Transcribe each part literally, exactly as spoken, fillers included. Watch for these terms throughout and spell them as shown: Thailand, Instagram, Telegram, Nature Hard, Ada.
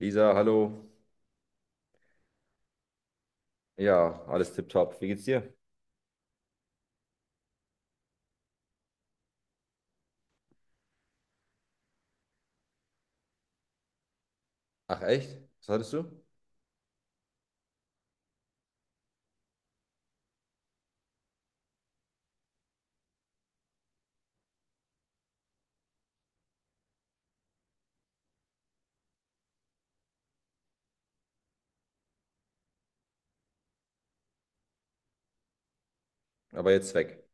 Lisa, hallo. Ja, alles tipptopp. Wie geht's dir? Ach, echt? Was hattest du? Aber jetzt weg.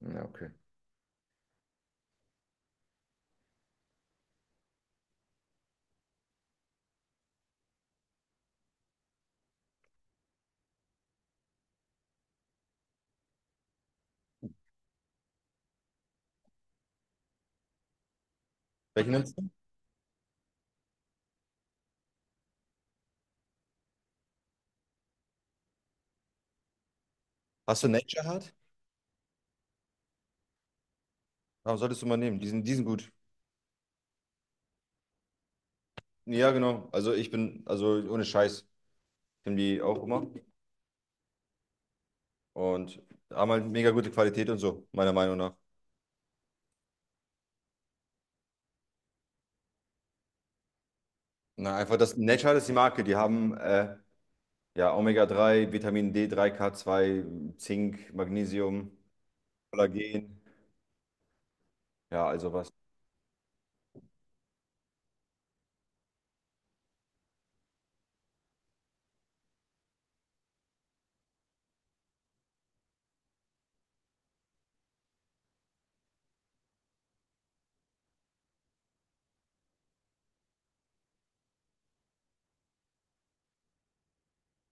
Ja, okay. Welchen nimmst du? Hast du Nature Hard? Warum solltest du mal nehmen? Die sind, die sind gut. Ja, genau. Also ich bin, also ohne Scheiß, nehmen die auch immer. Und haben halt mega gute Qualität und so, meiner Meinung nach. Na, einfach das Nature Hard ist die Marke. Die haben äh, ja omega drei, Vitamin d drei, k zwei, Zink, Magnesium, Kollagen. Ja, also was.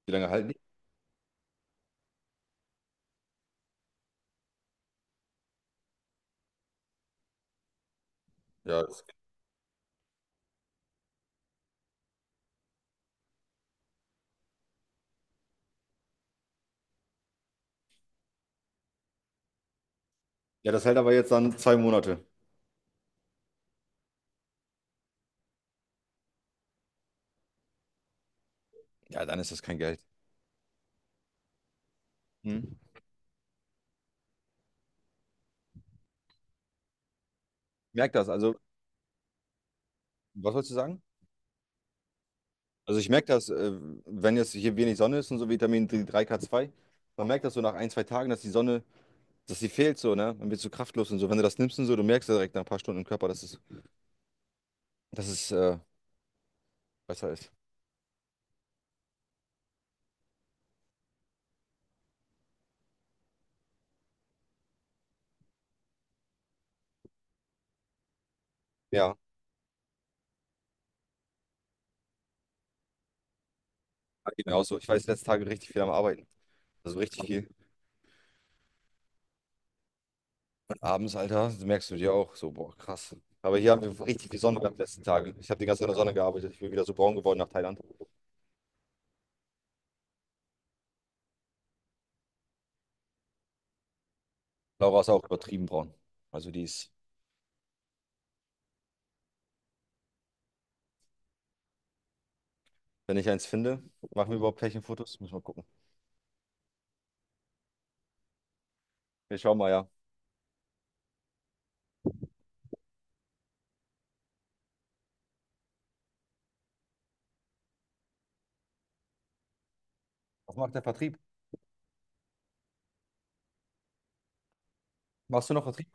Wie lange halten die? Ja, das, ja, das hält aber jetzt dann zwei Monate. Ja, dann ist das kein Geld. Hm? Merk das. Also, was wolltest du sagen? Also, ich merke das, äh, wenn jetzt hier wenig Sonne ist und so Vitamin d drei k zwei, man merkt das so nach ein, zwei Tagen, dass die Sonne, dass die fehlt so, ne? Dann wird so kraftlos und so. Wenn du das nimmst und so, du merkst ja direkt nach ein paar Stunden im Körper, dass es, dass es äh, besser ist. Ja, geht mir auch so. Ich weiß, letzte Tage richtig viel am Arbeiten. Also richtig viel. Und abends, Alter, merkst du dir auch so, boah, krass. Aber hier haben wir richtig viel Sonne gehabt die letzten Tage. Ich habe die ganze Zeit in der Sonne gearbeitet. Ich bin wieder so braun geworden nach Thailand. Laura ist auch übertrieben braun. Also die ist. Wenn ich eins finde, machen wir überhaupt Pärchenfotos? Müssen wir gucken. Wir schauen mal, ja. Was macht der Vertrieb? Machst du noch Vertrieb?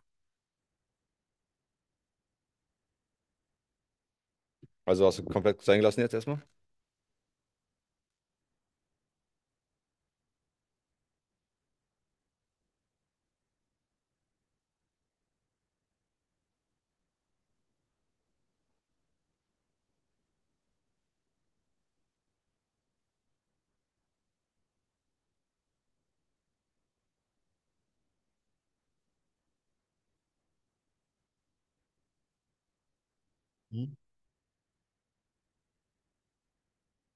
Also hast du komplett sein gelassen jetzt erstmal? Mhm.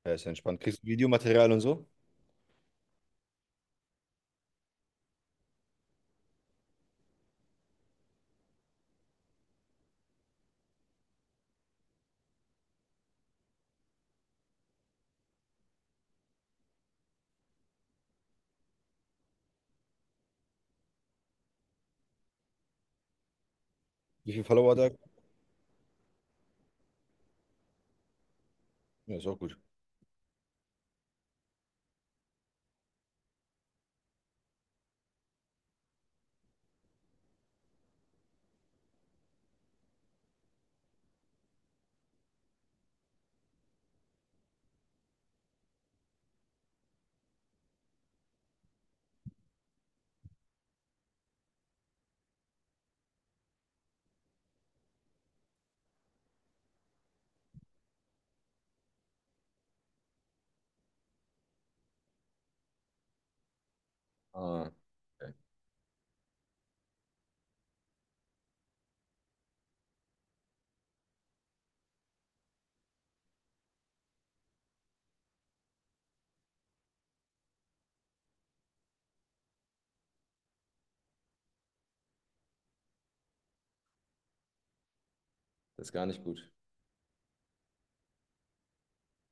Ja, ist ja entspannt. Kriegst du Videomaterial und so? Wie viele Follower da? Ja, ist auch gut. Ah, okay. Das ist gar nicht gut.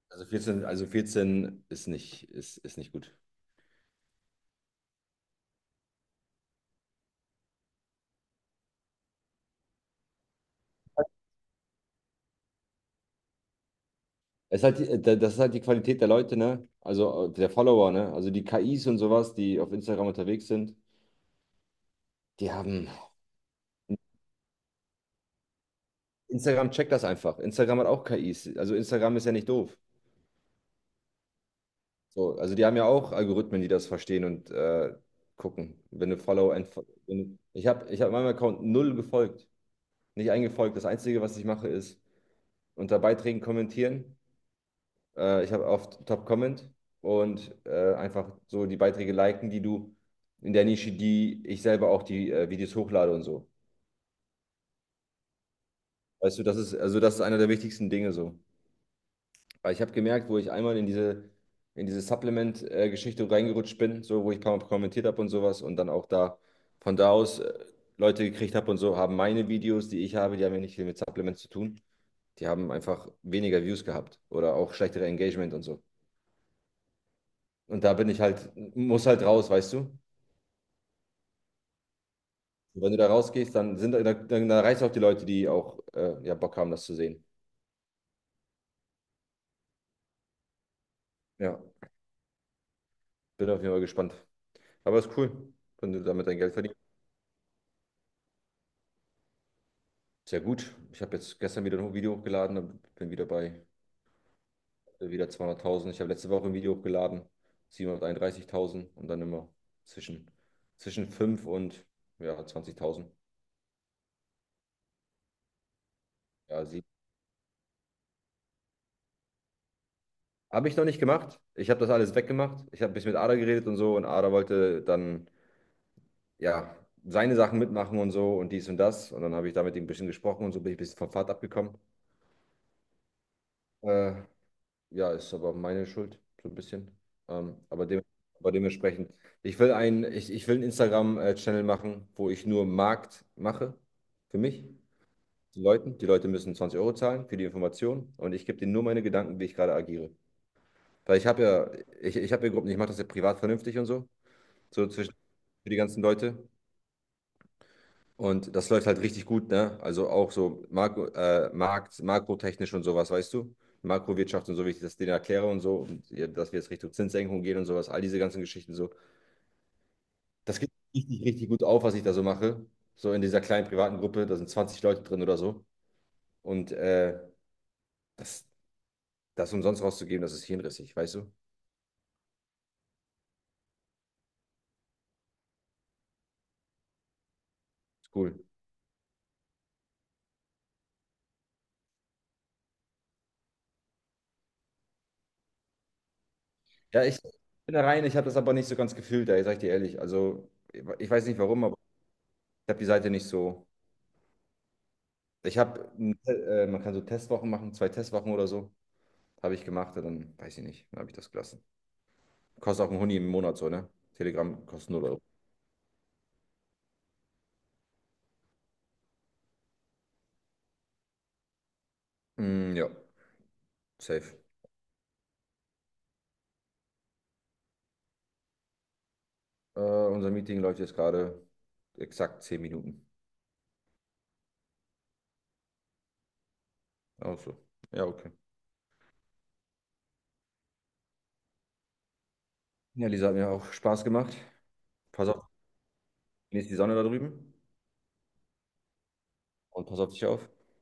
Also vierzehn, also vierzehn ist, nicht, ist, ist nicht gut. Es ist halt, die- da- das ist halt die Qualität der Leute, ne? Also äh, der Follower, ne? Also die K Is und sowas, die auf Instagram unterwegs sind, die haben. Instagram checkt das einfach. Instagram hat auch K Is. Also Instagram ist ja nicht doof. So, also die haben ja auch Algorithmen, die das verstehen und äh, gucken. Wenn du Follow, entfo- wenn du, ich habe Ich hab meinem Account null gefolgt, nicht eingefolgt. Das Einzige, was ich mache, ist unter Beiträgen kommentieren. Äh, ich habe auf Top Comment und äh, einfach so die Beiträge liken, die du in der Nische, die ich selber auch die äh, Videos hochlade und so. Weißt du, das ist also das ist einer der wichtigsten Dinge so. Weil ich habe gemerkt, wo ich einmal in diese, in diese Supplement-Geschichte reingerutscht bin, so wo ich ein paar Mal kommentiert habe und sowas und dann auch da von da aus äh, Leute gekriegt habe und so, haben meine Videos, die ich habe, die haben ja nicht viel mit Supplements zu tun. Die haben einfach weniger Views gehabt oder auch schlechtere Engagement und so. Und da bin ich halt, muss halt raus, weißt du? Und wenn du da rausgehst, dann sind da- dann, dann reißt auch die Leute, die auch äh, ja, Bock haben, das zu sehen. Ja, bin auf jeden Fall gespannt. Aber ist cool, wenn du damit dein Geld verdienst. Sehr gut. Ich habe jetzt gestern wieder noch ein Video hochgeladen und bin wieder bei äh, wieder zweihunderttausend. Ich habe letzte Woche ein Video hochgeladen, siebenhunderteinunddreißigtausend und dann immer zwischen, zwischen fünf und ja, zwanzigtausend. Ja, sie habe ich noch nicht gemacht. Ich habe das alles weggemacht. Ich habe ein bisschen mit Ada geredet und so und Ada wollte dann ja seine Sachen mitmachen und so und dies und das. Und dann habe ich da mit ihm ein bisschen gesprochen und so bin ich ein bisschen vom Pfad abgekommen. Äh, Ja, ist aber meine Schuld, so ein bisschen. Ähm, aber, dem, aber Dementsprechend, ich will einen, ich, ich will einen Instagram-Channel machen, wo ich nur Markt mache für mich, die Leuten. Die Leute müssen zwanzig Euro zahlen für die Information und ich gebe denen nur meine Gedanken, wie ich gerade agiere. Weil ich habe ja, ich, ich habe ja Gruppen, ich mache das ja privat vernünftig und so, so zwischen für die ganzen Leute. Und das läuft halt richtig gut, ne? Also auch so Makro, äh, Markt, makrotechnisch und sowas, weißt du? Makrowirtschaft und so, wie ich das denen erkläre und so, und ja, dass wir jetzt Richtung Zinssenkung gehen und sowas, all diese ganzen Geschichten so. Das geht richtig, richtig gut auf, was ich da so mache. So in dieser kleinen privaten Gruppe, da sind zwanzig Leute drin oder so. Und äh, das, das umsonst rauszugeben, das ist hirnrissig, weißt du? Ist cool. Ja, ich bin da rein, ich habe das aber nicht so ganz gefühlt, da sage ich dir ehrlich. Also, ich weiß nicht warum, aber ich habe die Seite nicht so. Ich habe, äh, Man kann so Testwochen machen, zwei Testwochen oder so, habe ich gemacht und dann weiß ich nicht, dann habe ich das gelassen. Kostet auch ein Huni im Monat so, ne? Telegram kostet null Euro. Mm, ja, safe. Äh, unser Meeting läuft jetzt gerade exakt zehn Minuten. Auch so. Ja, okay. Ja, Lisa, hat mir auch Spaß gemacht. Pass auf, genieß die Sonne da drüben und pass auf dich auf.